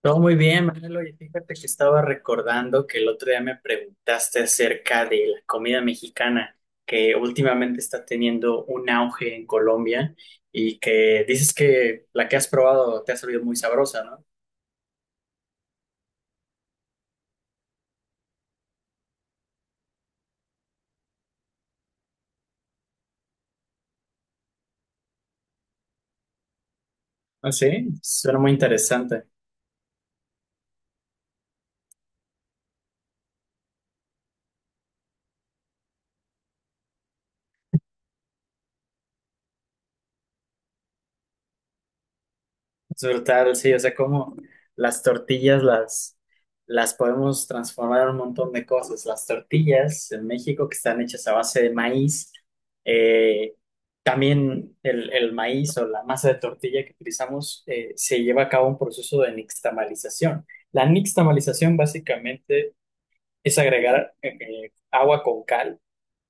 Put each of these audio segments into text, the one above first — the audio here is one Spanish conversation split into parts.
Todo muy bien, Manuel. Y fíjate que estaba recordando que el otro día me preguntaste acerca de la comida mexicana, que últimamente está teniendo un auge en Colombia y que dices que la que has probado te ha salido muy sabrosa, ¿no? Ah, sí, suena muy interesante. Es brutal, sí, o sea, como las tortillas las podemos transformar en un montón de cosas. Las tortillas en México que están hechas a base de maíz, eh, también el maíz o la masa de tortilla que utilizamos se lleva a cabo un proceso de nixtamalización. La nixtamalización básicamente es agregar agua con cal,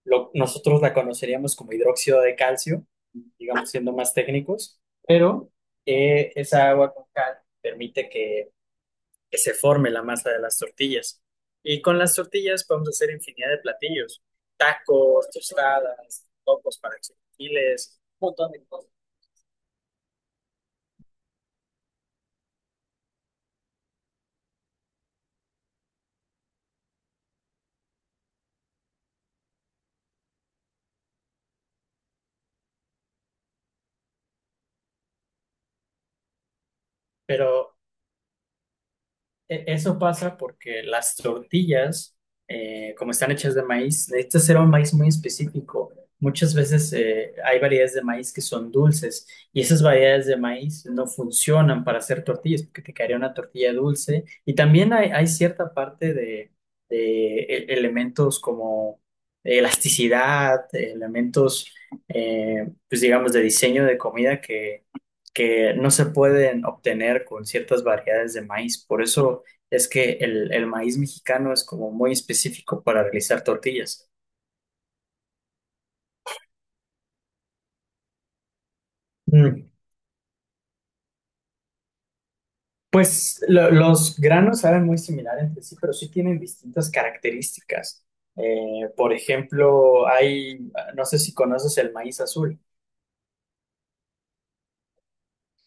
nosotros la conoceríamos como hidróxido de calcio, digamos, siendo más técnicos, pero esa agua con cal permite que, se forme la masa de las tortillas. Y con las tortillas podemos hacer infinidad de platillos: tacos, tostadas, tacos para chilaquiles, un montón de cosas. Pero eso pasa porque las tortillas, como están hechas de maíz, necesitas ser un maíz muy específico. Muchas veces hay variedades de maíz que son dulces y esas variedades de maíz no funcionan para hacer tortillas porque te quedaría una tortilla dulce. Y también hay cierta parte de elementos como elasticidad, elementos, pues, digamos, de diseño de comida que no se pueden obtener con ciertas variedades de maíz. Por eso es que el maíz mexicano es como muy específico para realizar tortillas. Mm, Pues los granos saben muy similar entre sí, pero sí tienen distintas características. Por ejemplo, no sé si conoces el maíz azul.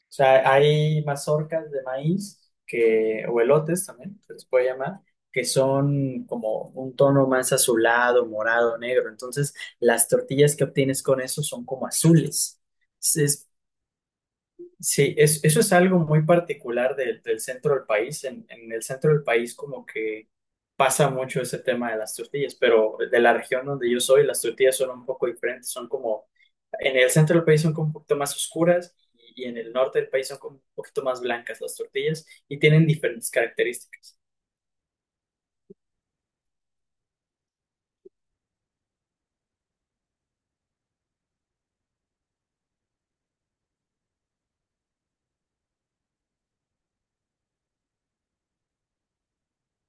O sea, hay mazorcas de maíz que, o elotes también se les puede llamar, que son como un tono más azulado, morado, negro. Entonces, las tortillas que obtienes con eso son como azules. Es Sí, eso es algo muy particular del centro del país. En el centro del país como que pasa mucho ese tema de las tortillas, pero de la región donde yo soy, las tortillas son un poco diferentes, son como, en el centro del país son como un poquito más oscuras, y en el norte del país son como un poquito más blancas las tortillas y tienen diferentes características.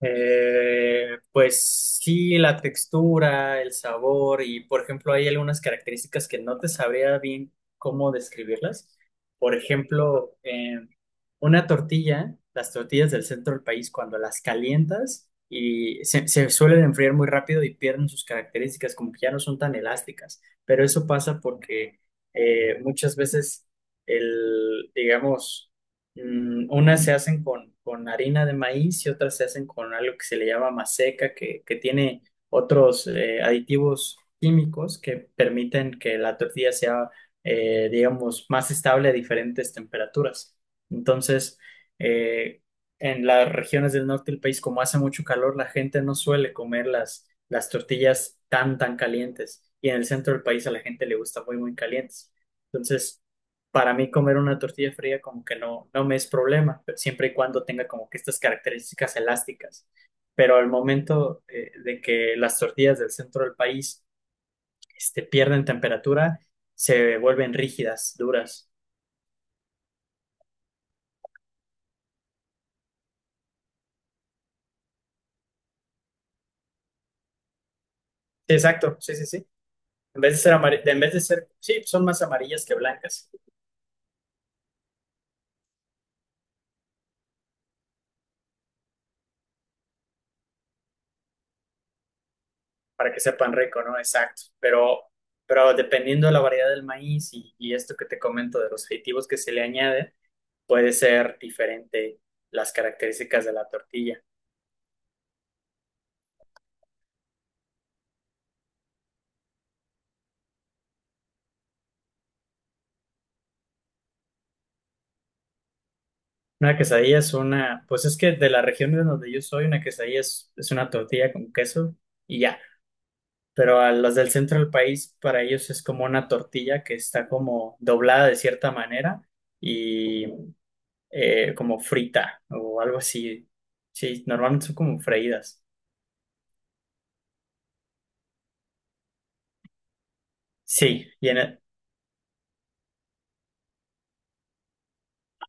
Pues sí, la textura, el sabor y, por ejemplo, hay algunas características que no te sabría bien cómo describirlas. Por ejemplo, una tortilla, las tortillas del centro del país, cuando las calientas, y se suelen enfriar muy rápido y pierden sus características, como que ya no son tan elásticas. Pero eso pasa porque muchas veces digamos, unas se hacen con harina de maíz y otras se hacen con algo que se le llama maseca, que, tiene otros aditivos químicos que permiten que la tortilla sea, digamos, más estable a diferentes temperaturas. Entonces, eh, en las regiones del norte del país, como hace mucho calor, la gente no suele comer las tortillas tan calientes. Y en el centro del país a la gente le gusta muy, muy calientes. Entonces, para mí comer una tortilla fría como que no, no me es problema, pero siempre y cuando tenga como que estas características elásticas. Pero al momento, de que las tortillas del centro del país pierden temperatura, se vuelven rígidas, duras. Sí, exacto, sí, sí, sí. En vez de ser, sí, son más amarillas que blancas, para que sepan rico, ¿no? Exacto. Pero dependiendo de la variedad del maíz, y esto que te comento de los aditivos que se le añade, puede ser diferente las características de la tortilla. Una quesadilla es una, pues es que de la región de donde yo soy, una quesadilla es una tortilla con queso y ya. Pero a las del centro del país, para ellos es como una tortilla que está como doblada de cierta manera y como frita o algo así. Sí, normalmente son como freídas. Sí,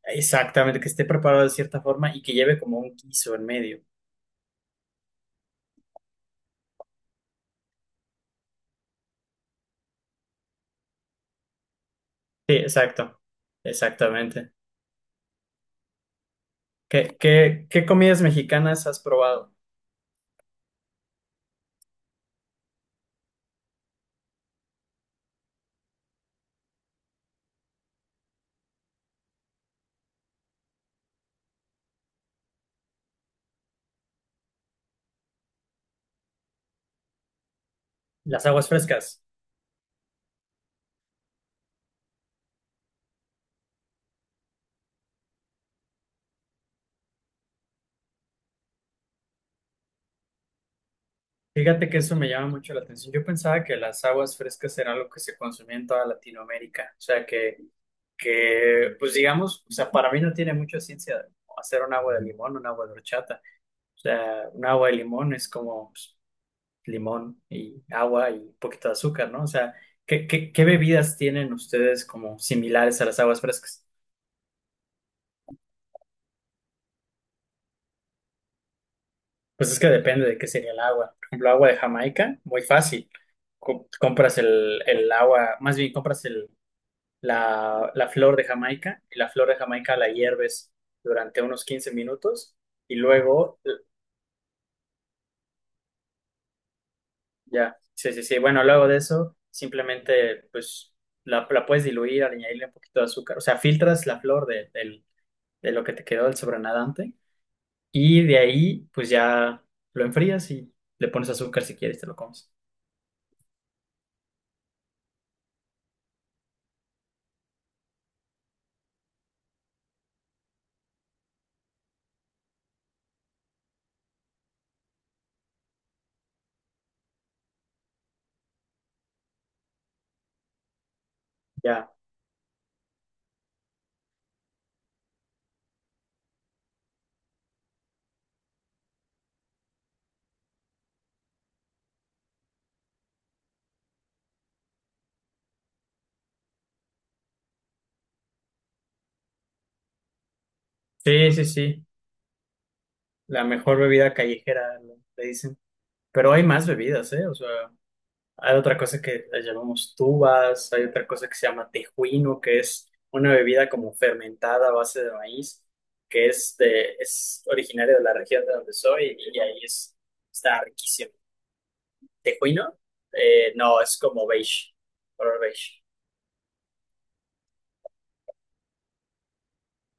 exactamente, que esté preparado de cierta forma y que lleve como un guiso en medio. Sí, exacto, exactamente. ¿Qué comidas mexicanas has probado? Las aguas frescas. Fíjate que eso me llama mucho la atención. Yo pensaba que las aguas frescas era algo que se consumía en toda Latinoamérica. O sea, que, pues, digamos, o sea, para mí no tiene mucha ciencia hacer un agua de limón, un agua de horchata. O sea, un agua de limón es como, pues, limón y agua y un poquito de azúcar, ¿no? O sea, ¿qué bebidas tienen ustedes como similares a las aguas frescas? Pues es que depende de qué sería el agua. Por ejemplo, agua de Jamaica, muy fácil. Compras el agua, más bien compras la flor de Jamaica, y la flor de Jamaica la hierves durante unos 15 minutos y luego, ya, sí, sí, sí. Bueno, luego de eso, simplemente pues la puedes diluir, añadirle un poquito de azúcar. O sea, filtras la flor de lo que te quedó del sobrenadante y de ahí pues ya lo enfrías y le pones azúcar si quieres, te lo comes. Ya. Sí, sí, sí. La mejor bebida callejera, le dicen. Pero hay más bebidas, ¿eh? O sea, hay otra cosa que la llamamos tubas, hay otra cosa que se llama tejuino, que es una bebida como fermentada a base de maíz, que es originaria de la región de donde soy, y ahí está riquísimo. ¿Tejuino? No, es como beige, color beige.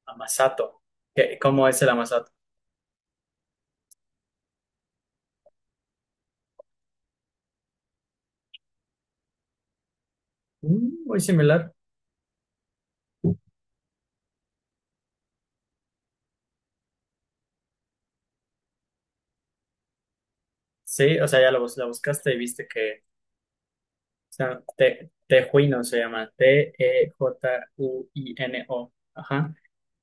Amasato. ¿Cómo es el amasato? Muy similar. Sí, o sea, ya la buscaste y viste que sea, Tejuino se llama, Tejuino. Ajá.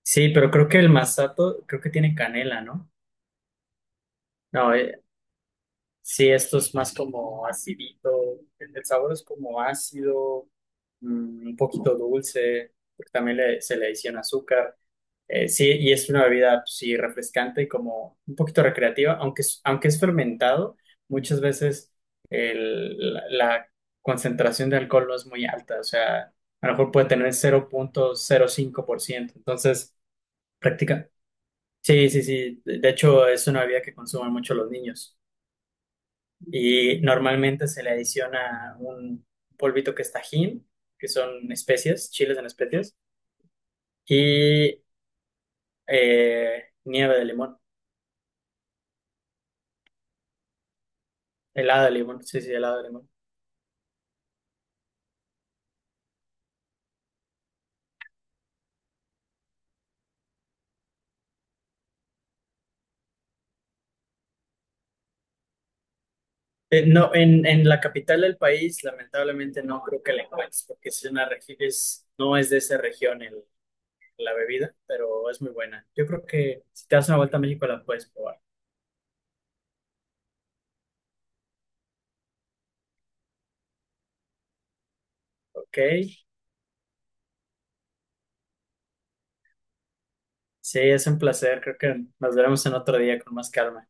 Sí, pero creo que el masato, creo que tiene canela, ¿no? No, sí, esto es más como acidito, el sabor es como ácido, un poquito dulce, porque también se le adiciona azúcar. Sí, y es una bebida, pues, sí, refrescante y como un poquito recreativa, aunque es fermentado, muchas veces la concentración de alcohol no es muy alta, o sea, a lo mejor puede tener 0,05%, entonces, práctica. Sí, sí, sí, de hecho es una bebida que consumen mucho los niños, y normalmente se le adiciona un polvito que es Tajín, que son especias, chiles en especias, y nieve de limón. Helado de limón, sí, sí, helado de limón. No, en la capital del país, lamentablemente no creo que la encuentres, porque es una no es de esa región la bebida, pero es muy buena. Yo creo que si te das una vuelta a México la puedes probar, ¿ok? Sí, es un placer, creo que nos veremos en otro día con más calma.